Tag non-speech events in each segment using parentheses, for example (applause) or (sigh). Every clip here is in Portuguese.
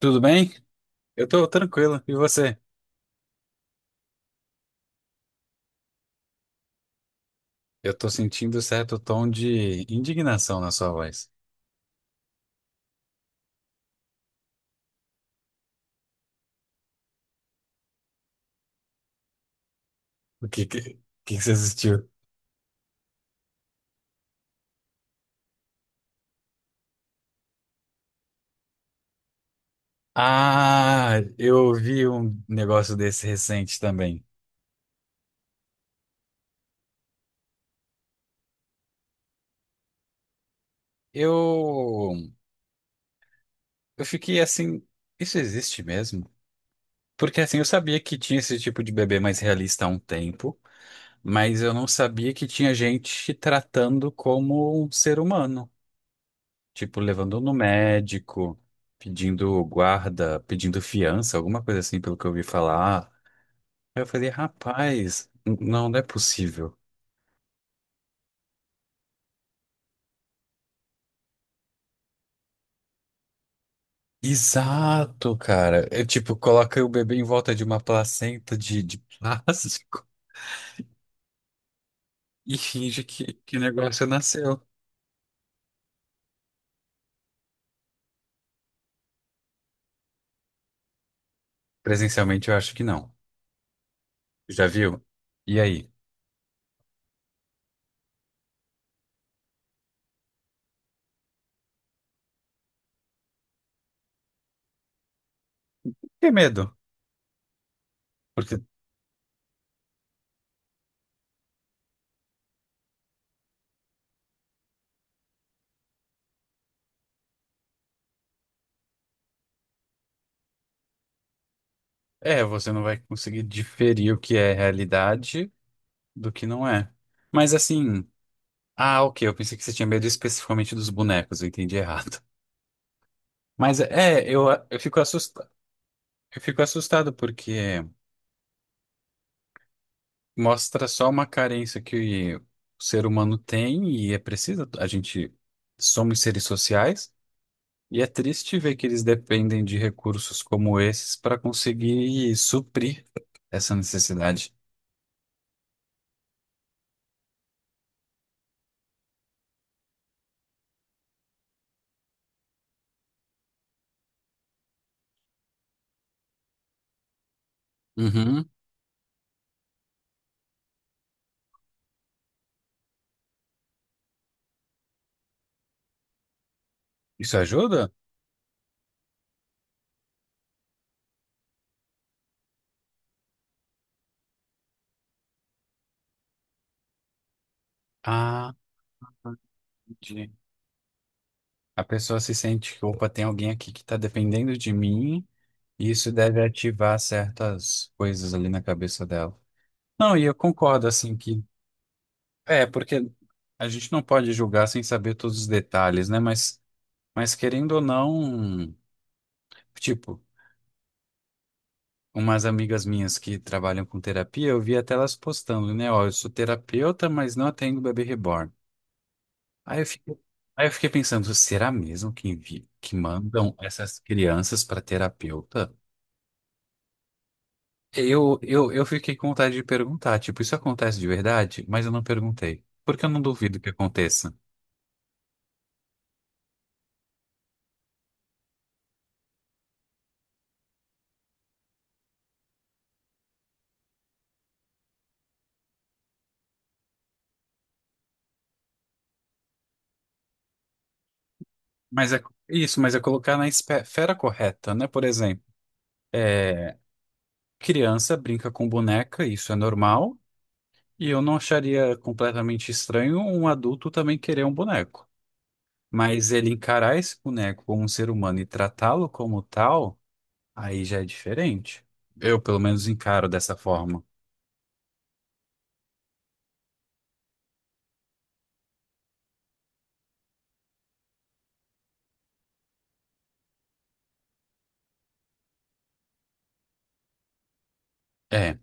Tudo bem? Eu tô tranquilo. E você? Eu tô sentindo certo tom de indignação na sua voz. O que que você assistiu? Ah, eu vi um negócio desse recente também. Eu eu fiquei assim, isso existe mesmo? Porque assim, eu sabia que tinha esse tipo de bebê mais realista há um tempo, mas eu não sabia que tinha gente tratando como um ser humano. Tipo, levando no médico, pedindo guarda, pedindo fiança, alguma coisa assim, pelo que eu ouvi falar. Aí eu falei, rapaz, não, não é possível. Exato, cara. É tipo, coloca o bebê em volta de uma placenta de plástico (laughs) e finge que o negócio nasceu. Presencialmente eu acho que não. Já viu? E aí? Que medo. Porque, é, você não vai conseguir diferir o que é realidade do que não é. Mas assim. Ah, ok. Eu pensei que você tinha medo especificamente dos bonecos, eu entendi errado. (laughs) Mas é, eu fico assustado, eu fico assustado porque mostra só uma carência que o ser humano tem e é preciso. A gente somos seres sociais e é triste ver que eles dependem de recursos como esses para conseguir suprir essa necessidade. Uhum. Isso ajuda? Ah, entendi. A pessoa se sente que, opa, tem alguém aqui que está dependendo de mim. Isso deve ativar certas coisas ali na cabeça dela. Não, e eu concordo, assim, que. É, porque a gente não pode julgar sem saber todos os detalhes, né? Mas querendo ou não, tipo, umas amigas minhas que trabalham com terapia, eu vi até elas postando, né? Ó, eu sou terapeuta, mas não atendo bebê reborn. Aí eu fiquei, aí eu fiquei pensando, será mesmo que envi que mandam essas crianças para terapeuta? Eu fiquei com vontade de perguntar, tipo, isso acontece de verdade? Mas eu não perguntei. Porque eu não duvido que aconteça. Mas é isso, mas é colocar na esfera correta, né? Por exemplo, é, criança brinca com boneca, isso é normal. E eu não acharia completamente estranho um adulto também querer um boneco. Mas ele encarar esse boneco como um ser humano e tratá-lo como tal, aí já é diferente. Eu, pelo menos, encaro dessa forma. É,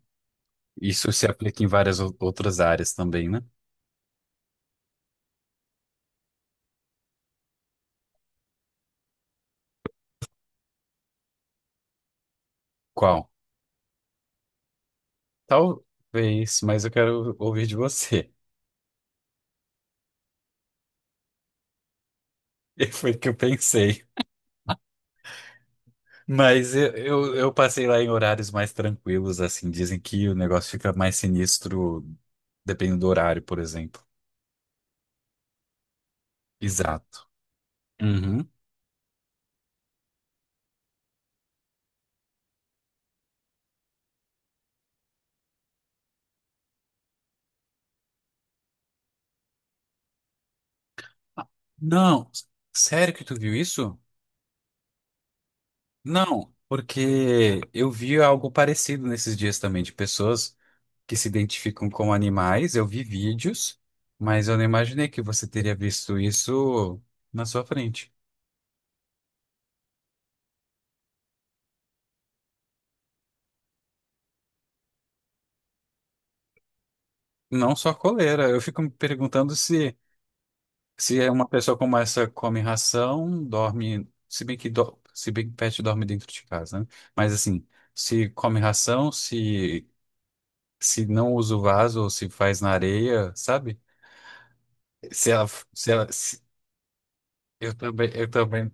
isso se aplica em várias outras áreas também, né? Qual? Talvez, mas eu quero ouvir de você. (laughs) Foi o que eu pensei. Mas eu passei lá em horários mais tranquilos, assim. Dizem que o negócio fica mais sinistro dependendo do horário, por exemplo. Exato. Uhum. Ah, não, sério que tu viu isso? Não, porque eu vi algo parecido nesses dias também, de pessoas que se identificam com animais. Eu vi vídeos, mas eu não imaginei que você teria visto isso na sua frente. Não só coleira. Eu fico me perguntando se se é uma pessoa como essa come ração, dorme, se bem que se bem que pet dorme dentro de casa, né? Mas assim, se come ração, se se não usa o vaso ou se faz na areia, sabe? Se ela se ela se- eu também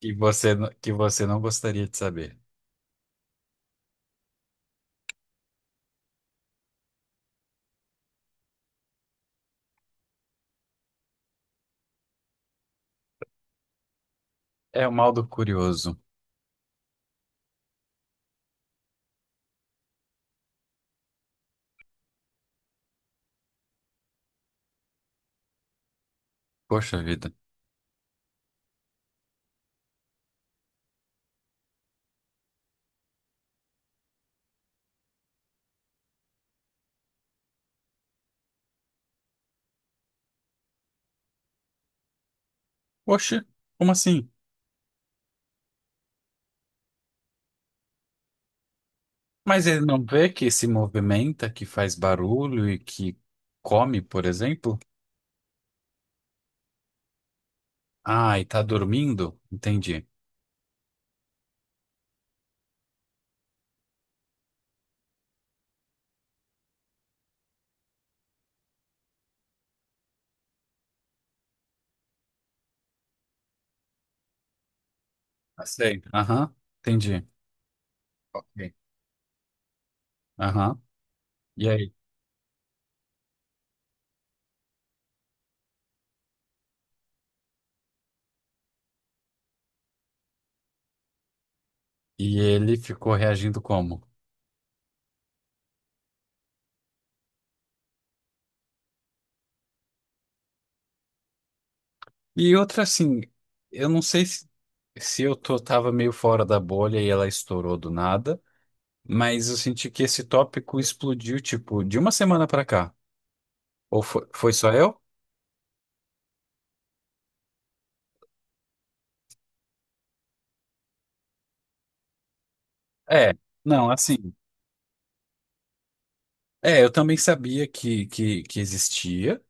que você que você não gostaria de saber. É o mal do curioso. Poxa vida. Poxa, como assim? Mas ele não vê que se movimenta, que faz barulho e que come, por exemplo? Ai, tá dormindo? Entendi. Ah, sei. Aham, entendi. Ok. Aham. E aí? E ele ficou reagindo como? E outra assim, eu não sei se, se eu tô, tava meio fora da bolha e ela estourou do nada, mas eu senti que esse tópico explodiu, tipo, de uma semana pra cá. Ou foi, foi só eu? É, não, assim. É, eu também sabia que, que existia,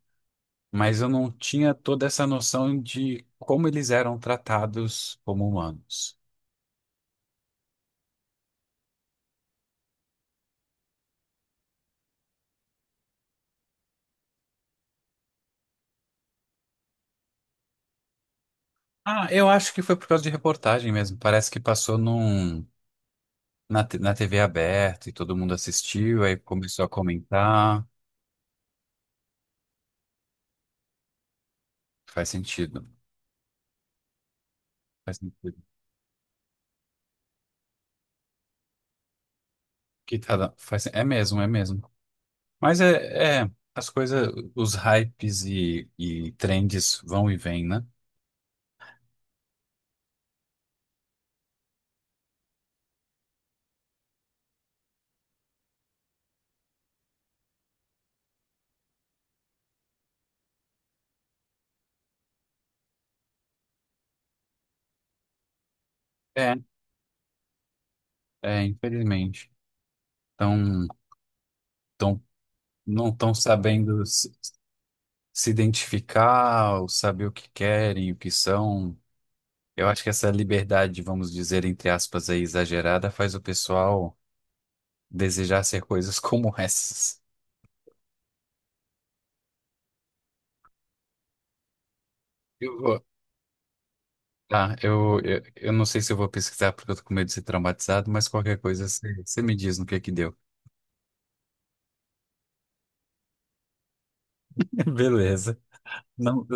mas eu não tinha toda essa noção de como eles eram tratados como humanos. Ah, eu acho que foi por causa de reportagem mesmo. Parece que passou num, na TV aberta e todo mundo assistiu, aí começou a comentar. Faz sentido. Faz sentido. Que tá, faz, é mesmo, é mesmo. Mas é, é, as coisas, os hypes e trends vão e vêm, né? É, é, infelizmente. Então, tão, não estão sabendo se, se identificar, ou saber o que querem, o que são. Eu acho que essa liberdade, vamos dizer, entre aspas, aí, exagerada, faz o pessoal desejar ser coisas (laughs) como essas. Eu vou. Tá, eu não sei se eu vou pesquisar porque eu tô com medo de ser traumatizado, mas qualquer coisa você me diz no que deu. (laughs) Beleza. Não,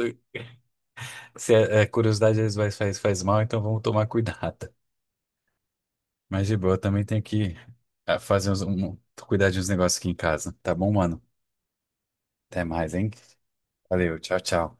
se a, a curiosidade às vezes faz, faz mal, então vamos tomar cuidado. Mas de boa, eu também tenho que fazer uns, um, cuidar de uns negócios aqui em casa. Tá bom, mano? Até mais, hein? Valeu, tchau, tchau.